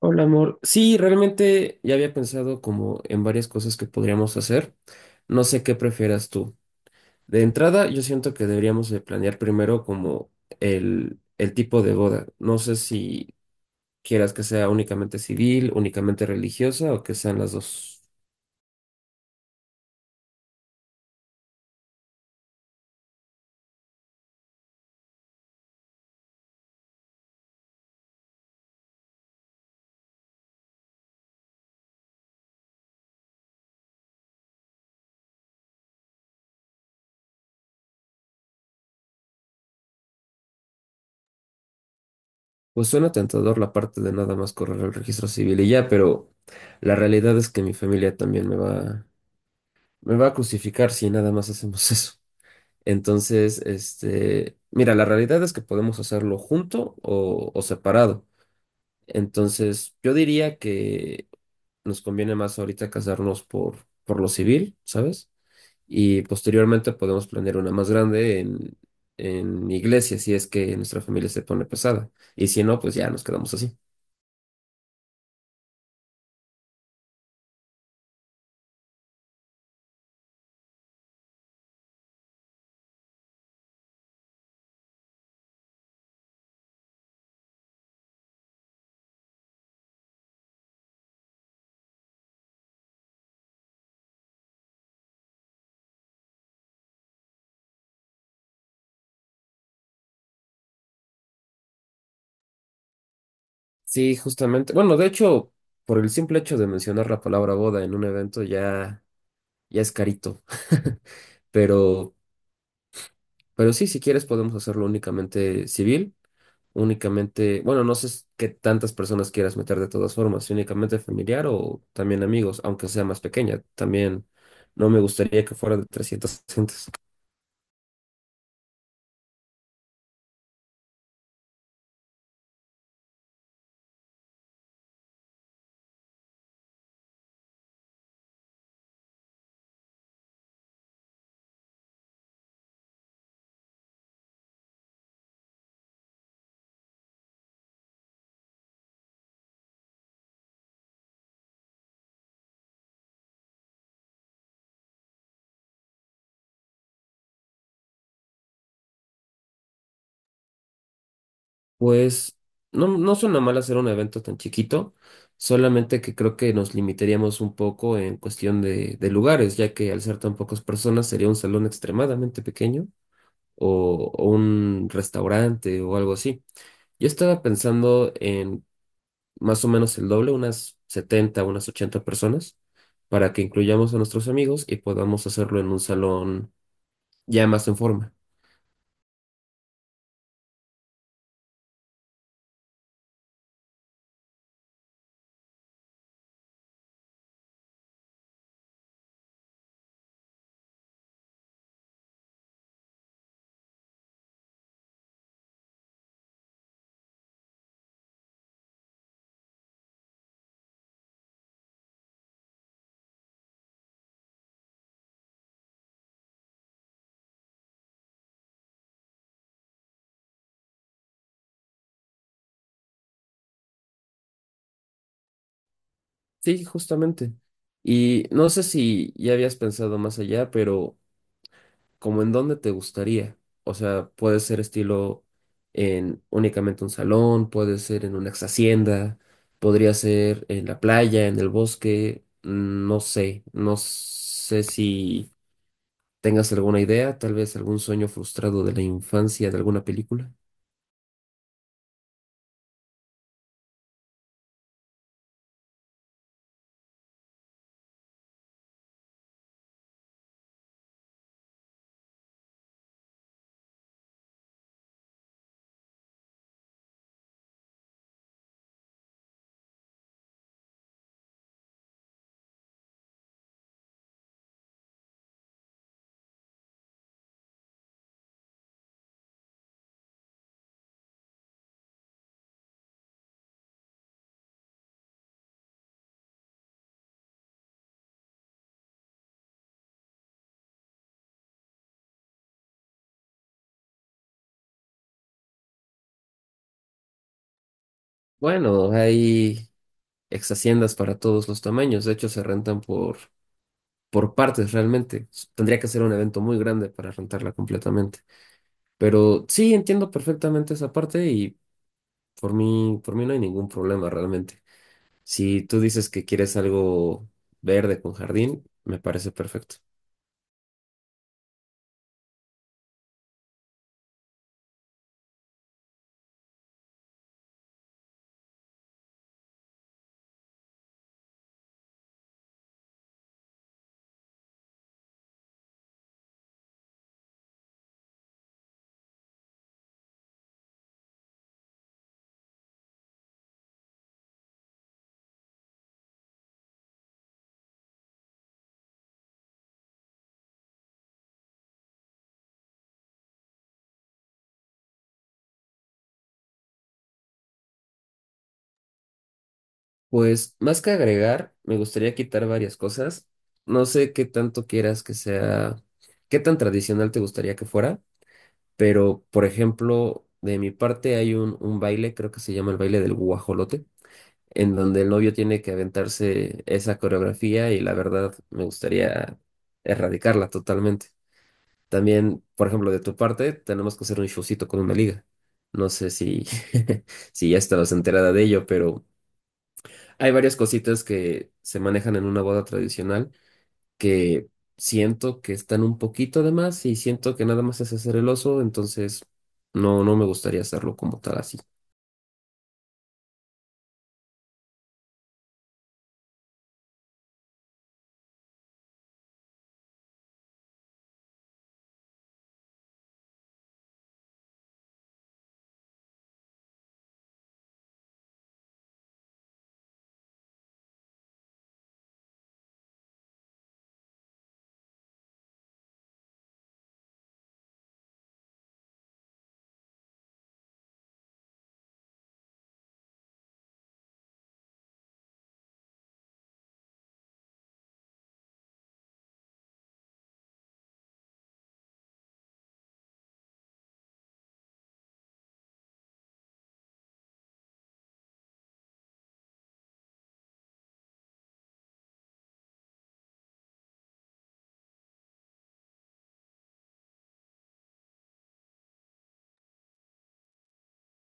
Hola, amor. Sí, realmente ya había pensado como en varias cosas que podríamos hacer. No sé qué prefieras tú. De entrada, yo siento que deberíamos de planear primero como el tipo de boda. No sé si quieras que sea únicamente civil, únicamente religiosa o que sean las dos. Pues suena tentador la parte de nada más correr el registro civil y ya, pero la realidad es que mi familia también me va a crucificar si nada más hacemos eso. Entonces, mira, la realidad es que podemos hacerlo junto o separado. Entonces, yo diría que nos conviene más ahorita casarnos por lo civil, ¿sabes? Y posteriormente podemos planear una más grande en iglesia, si es que nuestra familia se pone pesada. Y si no, pues ya nos quedamos así. Sí, justamente. Bueno, de hecho, por el simple hecho de mencionar la palabra boda en un evento ya es carito. Pero Pero sí, si quieres podemos hacerlo únicamente civil, únicamente, bueno, no sé s- qué tantas personas quieras meter de todas formas, si únicamente familiar o también amigos, aunque sea más pequeña. También no me gustaría que fuera de 300 gentes. Pues no suena mal hacer un evento tan chiquito, solamente que creo que nos limitaríamos un poco en cuestión de lugares, ya que al ser tan pocas personas sería un salón extremadamente pequeño o un restaurante o algo así. Yo estaba pensando en más o menos el doble, unas 70 unas 80 personas, para que incluyamos a nuestros amigos y podamos hacerlo en un salón ya más en forma. Sí, justamente. Y no sé si ya habías pensado más allá, pero como en dónde te gustaría. O sea, puede ser estilo en únicamente un salón, puede ser en una ex hacienda, podría ser en la playa, en el bosque, no sé, no sé si ¿Tengas alguna idea? Tal vez algún sueño frustrado de la infancia de alguna película. Bueno, hay ex haciendas para todos los tamaños. De hecho, se rentan por partes realmente. Tendría que ser un evento muy grande para rentarla completamente. Pero sí, entiendo perfectamente esa parte y por mí no hay ningún problema realmente. Si tú dices que quieres algo verde con jardín, me parece perfecto. Pues más que agregar, me gustaría quitar varias cosas. No sé qué tanto quieras que sea, qué tan tradicional te gustaría que fuera, pero por ejemplo, de mi parte hay un baile, creo que se llama el baile del guajolote, en donde el novio tiene que aventarse esa coreografía y la verdad me gustaría erradicarla totalmente. También, por ejemplo, de tu parte, tenemos que hacer un showcito con una liga. No sé si, si ya estabas enterada de ello, pero… Hay varias cositas que se manejan en una boda tradicional que siento que están un poquito de más y siento que nada más es hacer el oso, entonces no me gustaría hacerlo como tal así.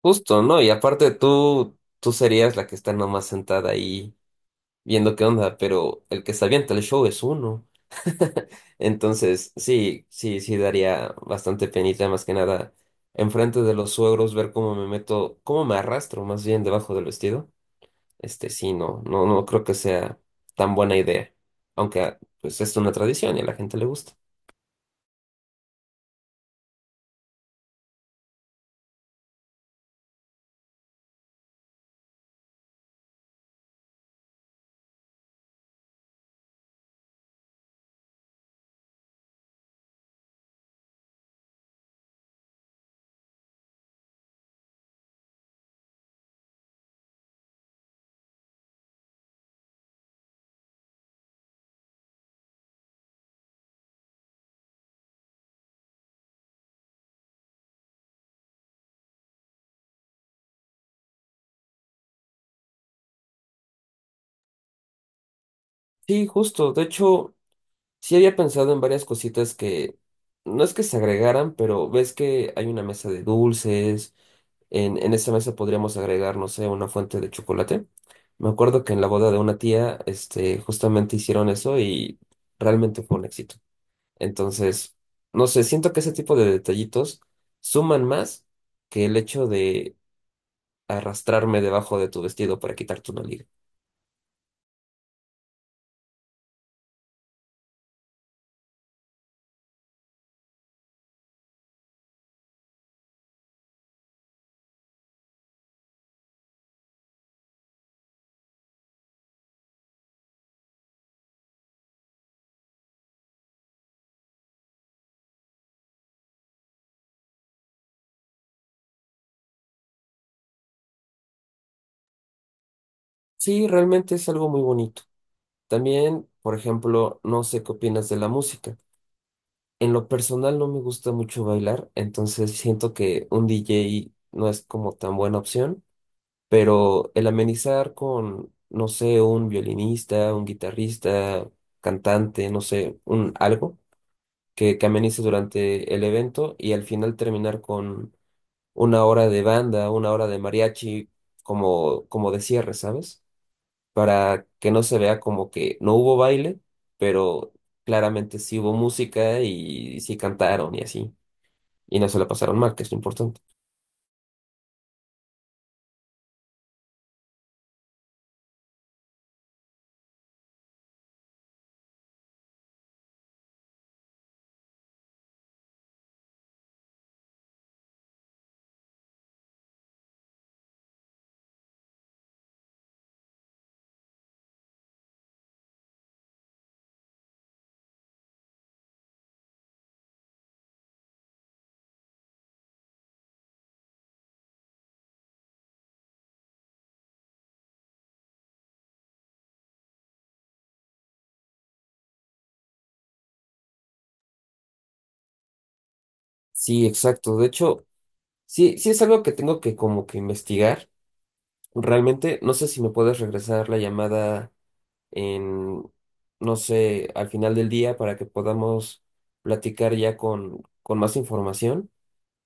Justo, ¿no? Y aparte tú serías la que está nomás sentada ahí viendo qué onda, pero el que se avienta el show es uno. Entonces, sí, sí, sí daría bastante penita, más que nada, enfrente de los suegros, ver cómo me meto, cómo me arrastro más bien debajo del vestido. Este sí, no, no, no creo que sea tan buena idea. Aunque ah, pues es una tradición y a la gente le gusta. Sí, justo. De hecho, sí había pensado en varias cositas que no es que se agregaran, pero ves que hay una mesa de dulces. En esa mesa podríamos agregar, no sé, una fuente de chocolate. Me acuerdo que en la boda de una tía, justamente hicieron eso y realmente fue un éxito. Entonces, no sé, siento que ese tipo de detallitos suman más que el hecho de arrastrarme debajo de tu vestido para quitarte una liga. Sí, realmente es algo muy bonito. También, por ejemplo, no sé qué opinas de la música. En lo personal no me gusta mucho bailar, entonces siento que un DJ no es como tan buena opción, pero el amenizar con, no sé, un violinista, un guitarrista, cantante, no sé, un algo que amenice durante el evento y al final terminar con una hora de banda, una hora de mariachi, como de cierre, ¿sabes? Para que no se vea como que no hubo baile, pero claramente sí hubo música y sí cantaron y así. Y no se la pasaron mal, que es lo importante. Sí, exacto. De hecho, sí, sí es algo que tengo que como que investigar. Realmente, no sé si me puedes regresar la llamada en, no sé, al final del día para que podamos platicar ya con más información.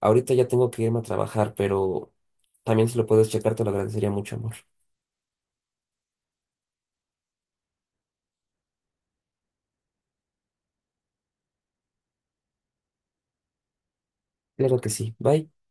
Ahorita ya tengo que irme a trabajar, pero también si lo puedes checar, te lo agradecería mucho, amor. Claro que sí. Bye.